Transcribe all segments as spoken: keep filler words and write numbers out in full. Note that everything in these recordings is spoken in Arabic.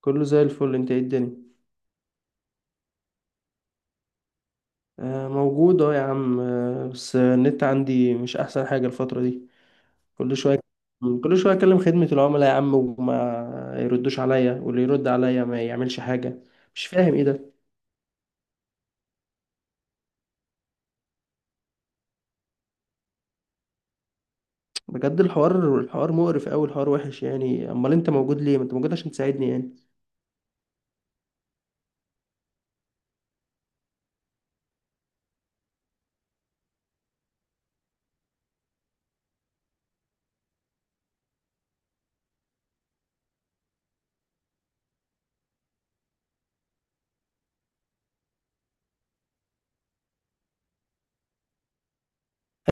كله زي الفل. انت ايه الدنيا؟ آه، موجود. اه يا عم. آه بس النت عندي مش احسن حاجة الفترة دي. كل شوية كل شوية اكلم خدمة العملاء يا عم، وما يردوش عليا، واللي يرد عليا ما يعملش حاجة. مش فاهم ايه ده. بجد الحوار الحوار مقرف اوي، الحوار وحش يعني. امال انت موجود ليه؟ ما انت موجود عشان تساعدني يعني.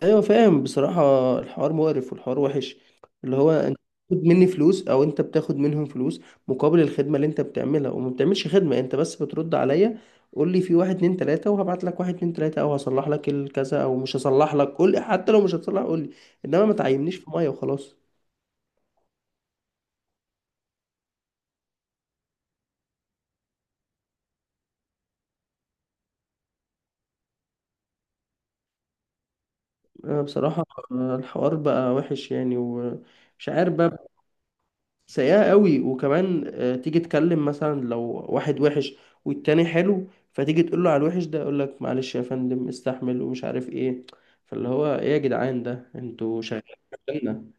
ايوه فاهم بصراحة، الحوار مقرف والحوار وحش. اللي هو انت بتاخد مني فلوس او انت بتاخد منهم فلوس مقابل الخدمة اللي انت بتعملها، وما بتعملش خدمة، انت بس بترد عليا. قول لي في واحد اتنين تلاتة وهبعت لك واحد اتنين تلاتة، او هصلح لك الكذا او مش هصلح لك، قول لي. حتى لو مش هتصلح، قول لي. انما ما تعينيش في مية وخلاص. انا بصراحة آه، الحوار بقى وحش يعني، ومش عارف بقى. سيئة قوي. وكمان آه، تيجي تكلم مثلا لو واحد وحش والتاني حلو، فتيجي تقول له على الوحش ده يقول لك معلش يا فندم استحمل، ومش عارف ايه. فاللي هو ايه يا جدعان؟ ده انتوا شغالين عشاننا.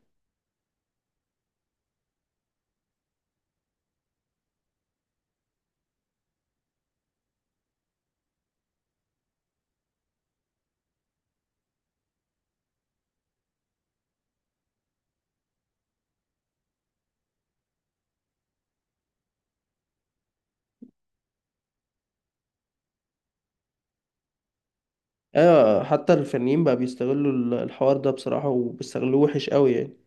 ايوه، حتى الفنيين بقى بيستغلوا ال- الحوار ده بصراحة، وبيستغلوه وحش قوي يعني.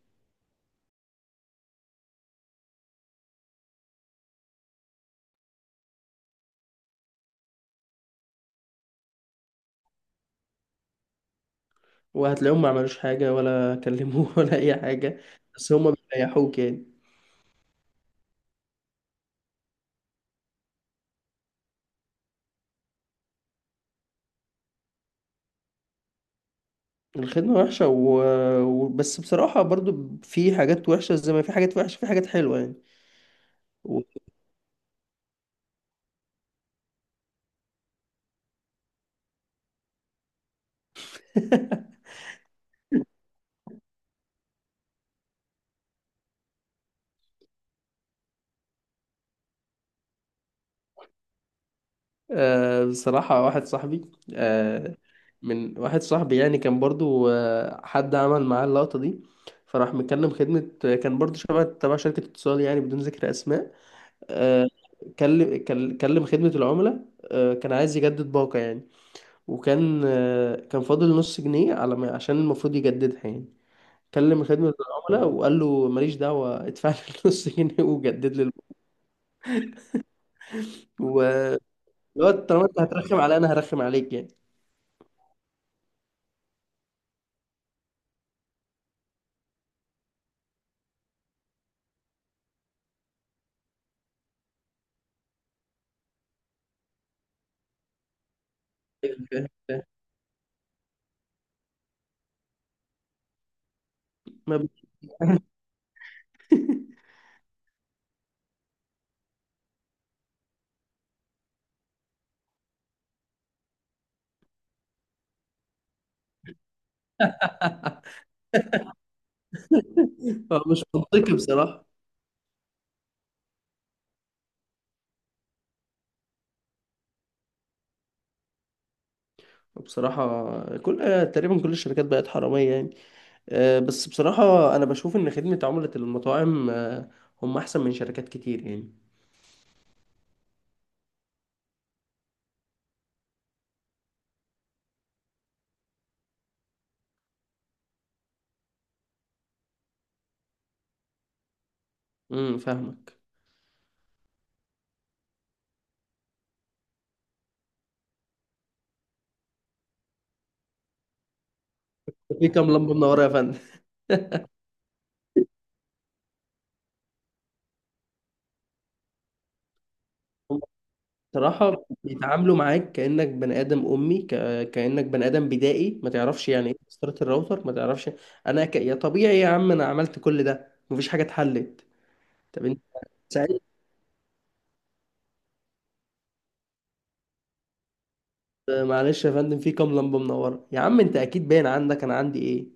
وهتلاقيهم ما عملوش حاجة ولا كلموه ولا اي حاجة. بس هما بيريحوك يعني. الخدمة وحشة و... و- بس بصراحة برضو في حاجات وحشة، زي ما في حاجات وحشة في حاجات حلوة يعني. آه، بصراحة واحد صاحبي آه، من واحد صاحبي يعني كان برضو آه، حد عمل معاه اللقطة دي. فراح مكلم خدمة، كان برضو شبه تبع شركة اتصال يعني، بدون ذكر أسماء. آه، كلم كل- كلم خدمة العملاء. آه، كان عايز يجدد باقة يعني. وكان آه، كان فاضل نص جنيه على ما، عشان المفروض يجددها يعني. كلم خدمة العملاء وقال له ماليش دعوة، ادفع لي النص جنيه وجدد لي الباقة. و- اللي هو طالما انت هترخم عليا انا هرخم عليك يعني. فاهم؟ ما مش منطقي بصراحة. بصراحة كل تقريبا كل الشركات بقت حرامية يعني. آه، بس بصراحة أنا بشوف إن خدمة عملاء المطاعم آه، هم أحسن من شركات كتير يعني. امم فاهمك. في كام لمبة منورة يا فندم؟ هم بصراحة بيتعاملوا معاك كأنك بني آدم أمي، ك... كأنك بني آدم بدائي، ما تعرفش يعني إيه مسطرة الراوتر، ما تعرفش. أنا ك... يا طبيعي يا عم، أنا عملت كل ده مفيش حاجة اتحلت. طب، أنت معلش يا فندم، في كام لمبه منوره يا عم؟ انت اكيد باين عندك انا عندي ايه.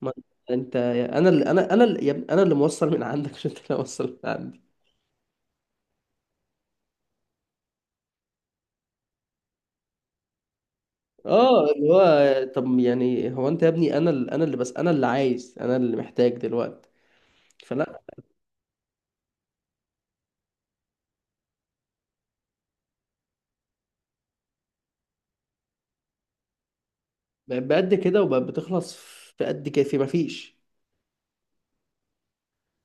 ما انت، انا اللي انا انا اللي يا ابني، انا اللي موصل من عندك، مش انت اللي موصل من عندي. اه، اللي هو طب يعني هو انت يا ابني، انا اللي انا اللي بس، انا اللي عايز، انا اللي محتاج دلوقتي. فلا. بقت بقد كده، وبقت بتخلص في قد كده، في مفيش.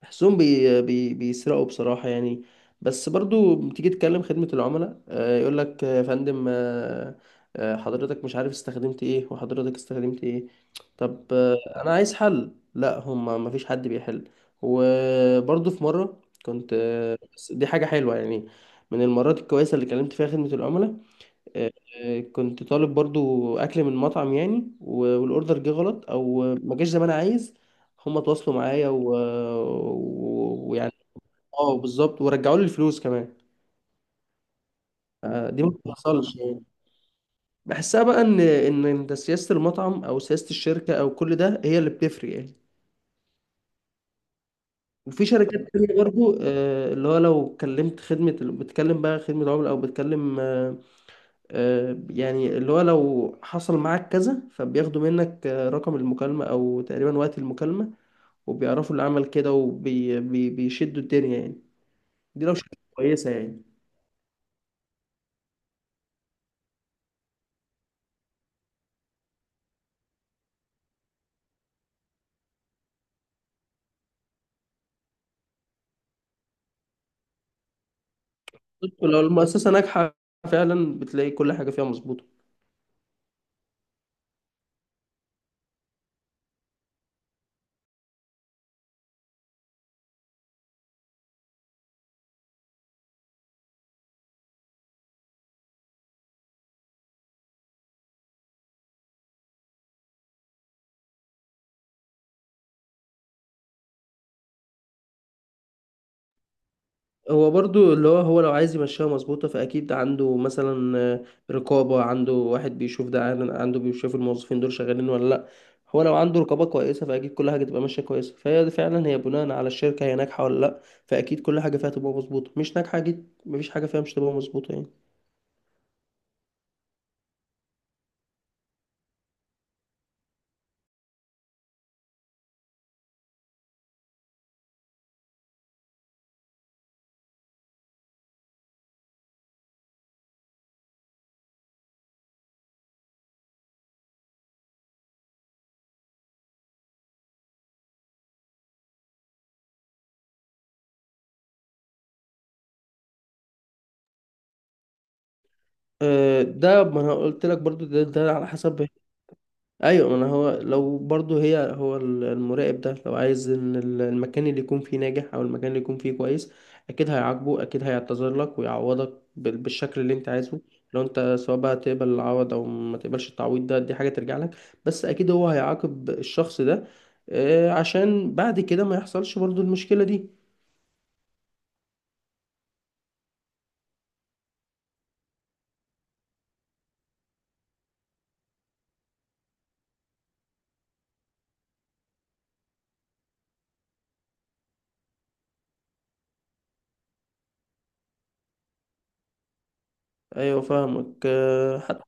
بحسهم بي بي بيسرقوا بصراحة يعني. بس برضو بتيجي تكلم خدمة العملاء، آه، يقول لك آه، يا فندم، آه، آه، حضرتك مش عارف استخدمت ايه وحضرتك استخدمت ايه. طب، آه، انا عايز حل. لا، هم ما فيش حد بيحل. وبرضو في مرة كنت آه، بس دي حاجة حلوة يعني، من المرات الكويسة اللي كلمت فيها خدمة العملاء. آه، كنت طالب برضو اكل من مطعم يعني، و- والاوردر جه غلط او ما جاش زي ما انا عايز. هم تواصلوا معايا و- و- ويعني. اه بالظبط، ورجعوا لي الفلوس كمان. آه، دي ما بتحصلش يعني. بحسها بقى ان ان انت سياسه المطعم او سياسه الشركه او كل ده هي اللي بتفرق يعني. وفي شركات تانية برضو آه، اللي هو لو كلمت خدمة، بتكلم بقى خدمة عملاء أو بتكلم، آه، آه، يعني اللي هو لو حصل معاك كذا فبياخدوا منك آه، رقم المكالمة أو تقريبا وقت المكالمة، وبيعرفوا اللي عمل كده وبيشدوا الدنيا يعني. دي لو شركة كويسة يعني. لو المؤسسة ناجحة، فعلا بتلاقي كل حاجة فيها مظبوطة. هو برضو، اللي هو هو لو عايز يمشيها مظبوطة فأكيد عنده مثلا آه، رقابة، عنده واحد بيشوف ده، عن- عنده بيشوف الموظفين دول شغالين ولا لأ. هو لو عنده رقابة كويسة فأكيد كل حاجة تبقى ماشية كويسة. فهي دي فعلا، هي بناء على الشركة هي ناجحة ولا لأ. فأكيد كل حاجة فيها تبقى مظبوطة، مش ناجحة أكيد مفيش حاجة فيها مش تبقى مظبوطة يعني. آه، ده ما أنا قلت لك برضو، ده, ده على حسب. ايوه، ما انا هو لو برضو، هي هو ال- المراقب ده لو عايز ان ال- المكان اللي يكون فيه ناجح، او المكان اللي يكون فيه كويس، اكيد هيعاقبه، اكيد هيعتذر لك ويعوضك بال- بالشكل اللي انت عايزه. لو انت سواء بقى تقبل العوض او ما تقبلش التعويض، ده دي حاجة ترجع لك. بس اكيد هو هيعاقب الشخص ده آه، عشان بعد كده ما يحصلش برضو المشكلة دي. ايوه فاهمك آه،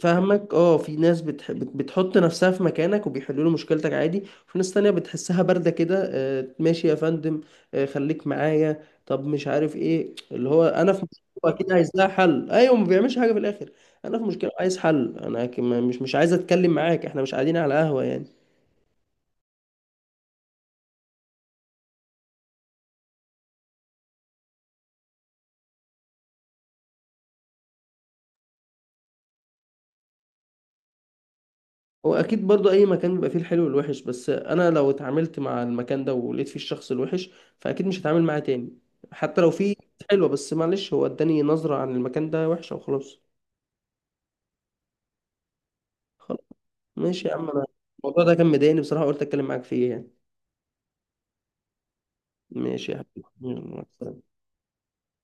فاهمك اه. في ناس بتح... بت- بتحط نفسها في مكانك وبيحلوا له مشكلتك عادي. وفي ناس تانية بتحسها باردة كده. آه، ماشي يا فندم، آه، خليك معايا، طب مش عارف ايه، اللي هو انا في مشكلة اكيد عايز لها حل، ايوه ما بيعملش حاجة في الاخر. انا في مشكلة عايز حل، انا ك- ما- مش مش عايز اتكلم معاك، احنا مش قاعدين على قهوة يعني. هو اكيد برضو اي مكان بيبقى فيه الحلو والوحش، بس انا لو اتعاملت مع المكان ده ولقيت فيه الشخص الوحش فاكيد مش هتعامل معاه تاني. حتى لو فيه حلوة، بس معلش، هو اداني نظرة عن المكان ده وحشة وخلاص. خلاص، ماشي يا عم. انا الموضوع ده كان مضايقني بصراحة، قلت اتكلم معاك فيه يعني. ماشي يا حبيبي، يلا، مع السلامة.